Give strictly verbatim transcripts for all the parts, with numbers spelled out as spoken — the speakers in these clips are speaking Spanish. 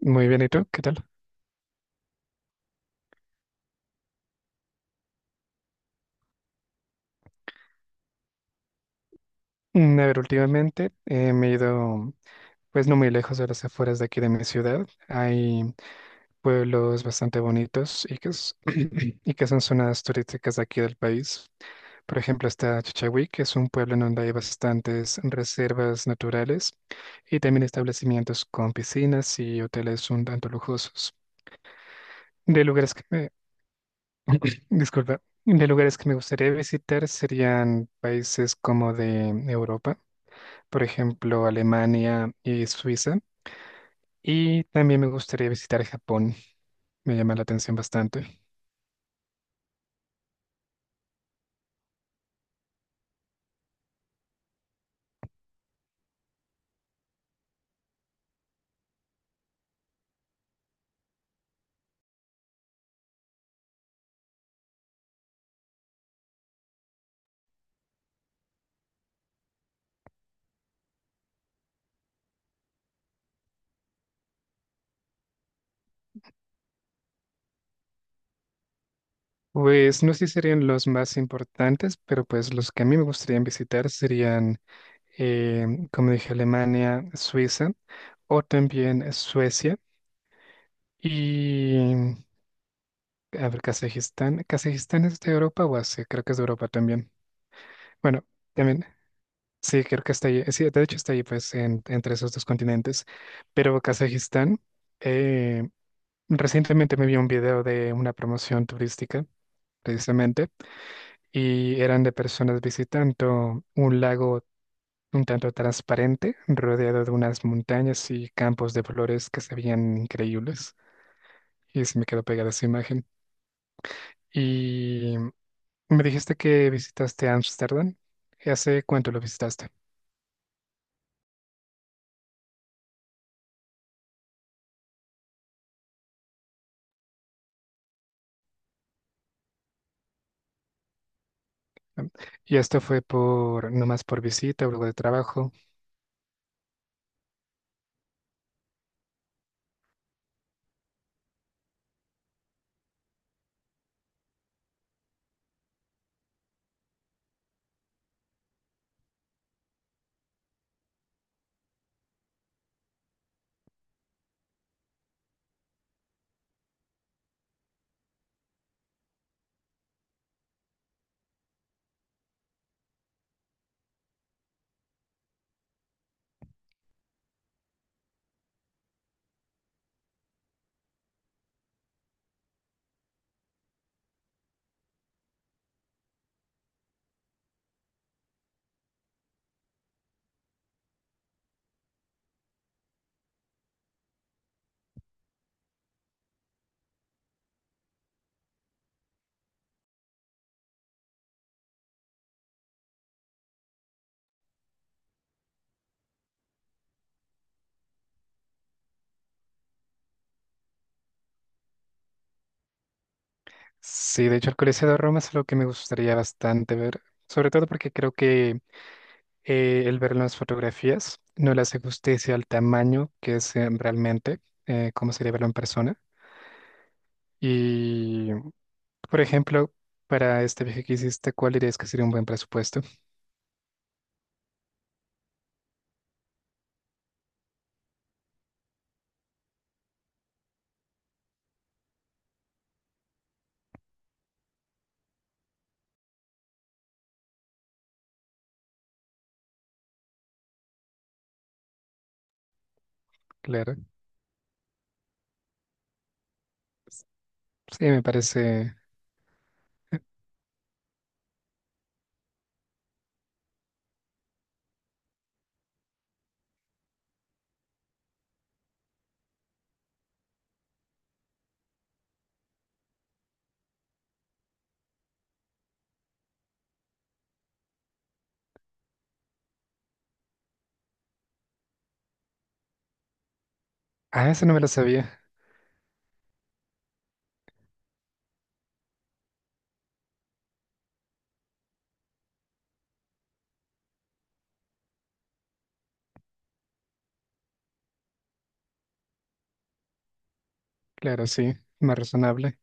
Muy bien, ¿y tú? ¿Qué tal? Mm, A ver, últimamente eh, me he ido, pues no muy lejos de las afueras de aquí de mi ciudad. Hay pueblos bastante bonitos y que, es- y que son zonas turísticas de aquí del país. Por ejemplo, está Chachagüí, que es un pueblo en donde hay bastantes reservas naturales y también establecimientos con piscinas y hoteles un tanto lujosos. De lugares que me, disculpa, de lugares que me gustaría visitar serían países como de Europa. Por ejemplo, Alemania y Suiza. Y también me gustaría visitar Japón, me llama la atención bastante. Pues no sé si serían los más importantes, pero pues los que a mí me gustaría visitar serían, eh, como dije, Alemania, Suiza o también Suecia y, a ver, Kazajistán. ¿Kazajistán es de Europa o Asia? Creo que es de Europa también. Bueno, también sí, creo que está allí. Sí, de hecho está allí, pues, en- entre esos dos continentes. Pero Kazajistán, eh, recientemente me vi un video de una promoción turística, precisamente, y eran de personas visitando un lago un tanto transparente, rodeado de unas montañas y campos de flores que se veían increíbles. Y se me quedó pegada esa imagen. Y me dijiste que visitaste Ámsterdam. ¿Hace cuánto lo visitaste? Y esto fue por, no más por visita o algo de trabajo. Sí, de hecho, el Coliseo de Roma es algo que me gustaría bastante ver, sobre todo porque creo que eh, el ver las fotografías no le hace justicia al tamaño que es eh, realmente, eh, cómo sería verlo en persona. Y, por ejemplo, para este viaje que hiciste, ¿cuál dirías que sería un buen presupuesto? Claro. Sí, me parece. Ah, eso no me lo sabía. Claro, sí, más razonable.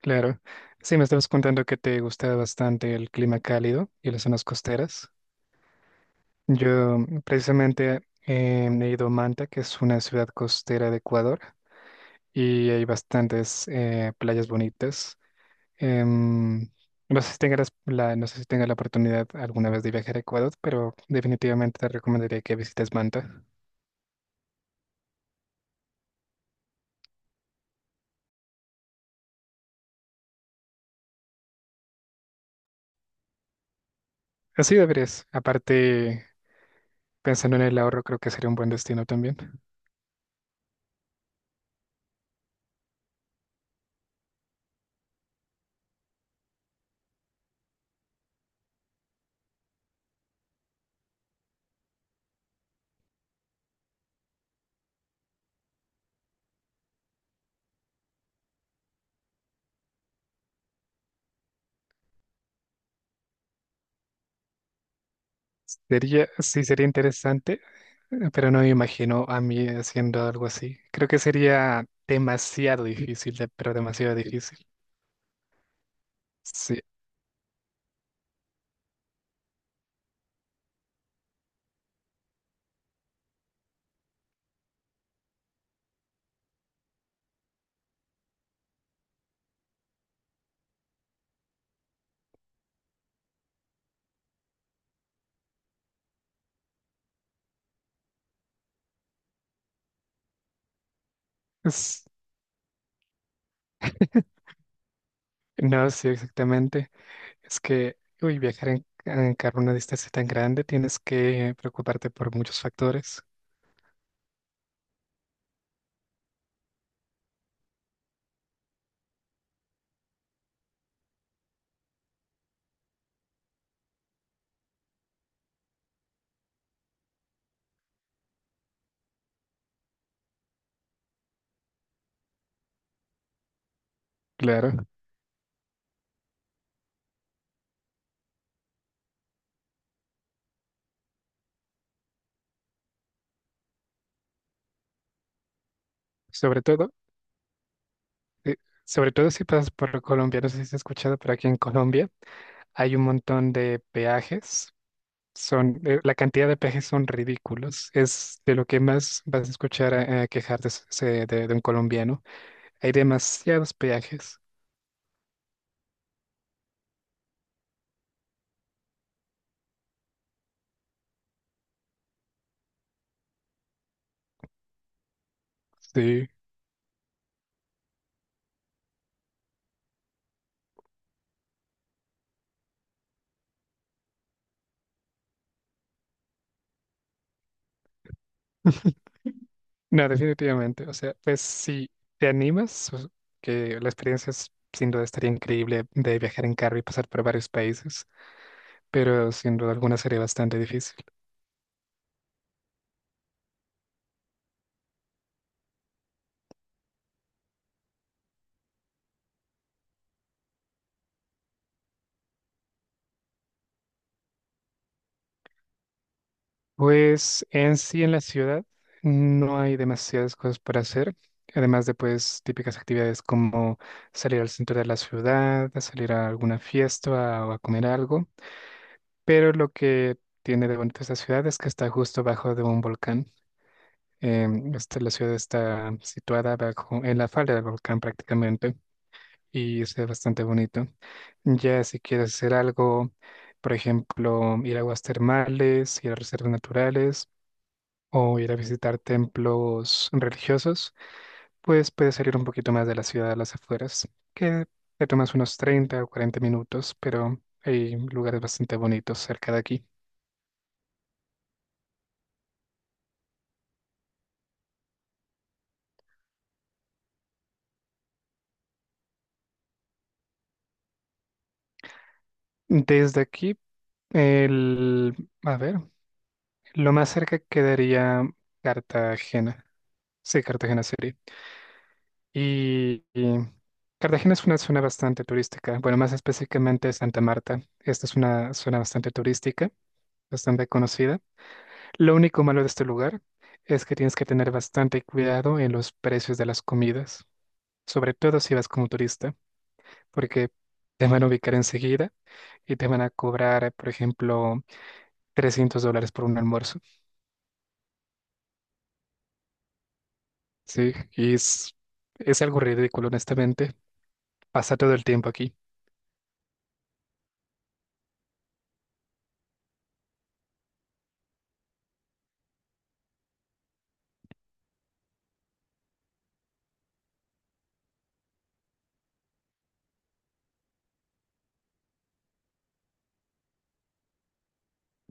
Claro. Sí, me estabas contando que te gusta bastante el clima cálido y las zonas costeras. Yo mm, precisamente eh, he ido a Manta, que es una ciudad costera de Ecuador, y hay bastantes eh, playas bonitas. Em, no sé si tengas la, no sé si tengas la oportunidad alguna vez de viajar a Ecuador, pero definitivamente te recomendaría que visites Manta. Así deberías. Aparte, pensando en el ahorro, creo que sería un buen destino también. Sería, sí, sería interesante, eh, pero no me imagino a mí haciendo algo así. Creo que sería demasiado difícil, de- pero demasiado difícil. Sí, es- no, sí, exactamente. Es que, uy, viajar en, en carro una distancia tan grande, tienes que preocuparte por muchos factores. Claro. Sobre todo, eh, sobre todo si pasas por Colombia, no sé si has escuchado, pero aquí en Colombia hay un montón de peajes. Son, eh, la cantidad de peajes son ridículos. Es de lo que más vas a escuchar a, a quejarte se- de, de un colombiano. Hay demasiados peajes. Sí. No, definitivamente. O sea, pues si te animas, o- que la experiencia es, sin duda estaría increíble de viajar en carro y pasar por varios países, pero sin duda alguna sería bastante difícil. Pues en sí en la ciudad no hay demasiadas cosas para hacer, además de pues típicas actividades como salir al centro de la ciudad, a salir a alguna fiesta o a comer algo, pero lo que tiene de bonito esta ciudad es que está justo bajo de un volcán. Em, esta- la ciudad está situada bajo, en la falda del volcán prácticamente y es bastante bonito. Ya si quieres hacer algo, por ejemplo, ir a aguas termales, ir a reservas naturales o ir a visitar templos religiosos, pues puedes salir un poquito más de la ciudad a las afueras, que te tomas unos treinta o cuarenta minutos, pero hay lugares bastante bonitos cerca de aquí. Desde aquí, el, a ver, lo más cerca quedaría Cartagena. Sí, Cartagena City. Y, y Cartagena es una zona bastante turística. Bueno, más específicamente Santa Marta. Esta es una zona bastante turística, bastante conocida. Lo único malo de este lugar es que tienes que tener bastante cuidado en los precios de las comidas, sobre todo si vas como turista, porque te van a ubicar enseguida y te van a cobrar, por ejemplo, trescientos dólares por un almuerzo. Sí, y es, es algo ridículo, honestamente. Pasa todo el tiempo aquí,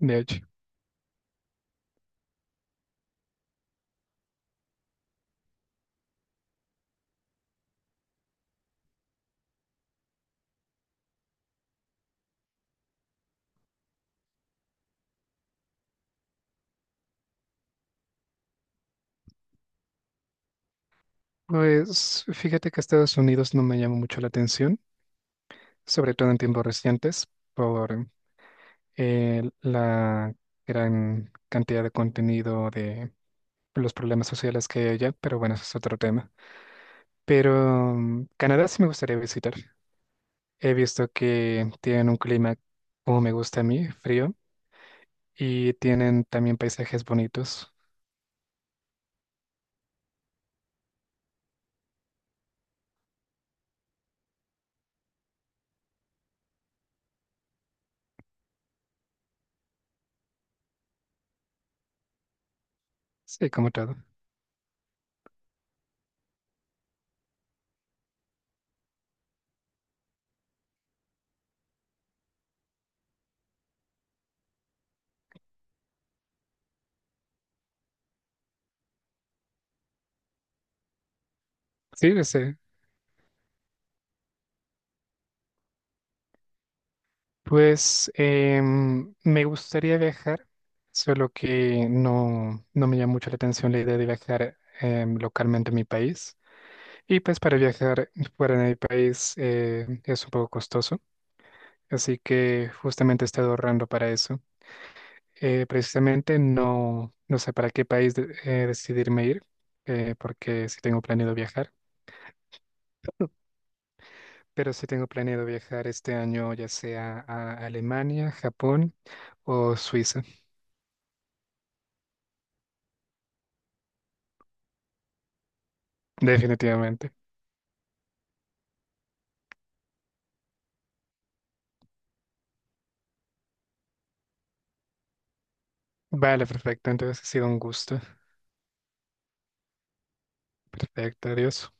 de hecho. Pues fíjate que Estados Unidos no me llama mucho la atención, sobre todo en tiempos recientes, por eh, la gran cantidad de contenido de los problemas sociales que hay allá, pero bueno, eso es otro tema. Pero mm, Canadá sí me gustaría visitar. He visto que tienen un clima como me gusta a mí, frío, y tienen también paisajes bonitos. Sí, como todo. Sí, lo sé. Pues em, me gustaría viajar, solo que no, no me llama mucho la atención la idea de viajar em, localmente a mi país. Y pues para viajar fuera de mi país eh, es un poco costoso. Así que justamente he estado ahorrando para eso. Eh, precisamente no, no sé para qué país de- eh, decidirme ir, eh, porque sí tengo planeado viajar, pero sí tengo planeado viajar este año ya sea a Alemania, Japón o Suiza. Definitivamente. Vale, perfecto, entonces ha sido un gusto. Perfecto, adiós.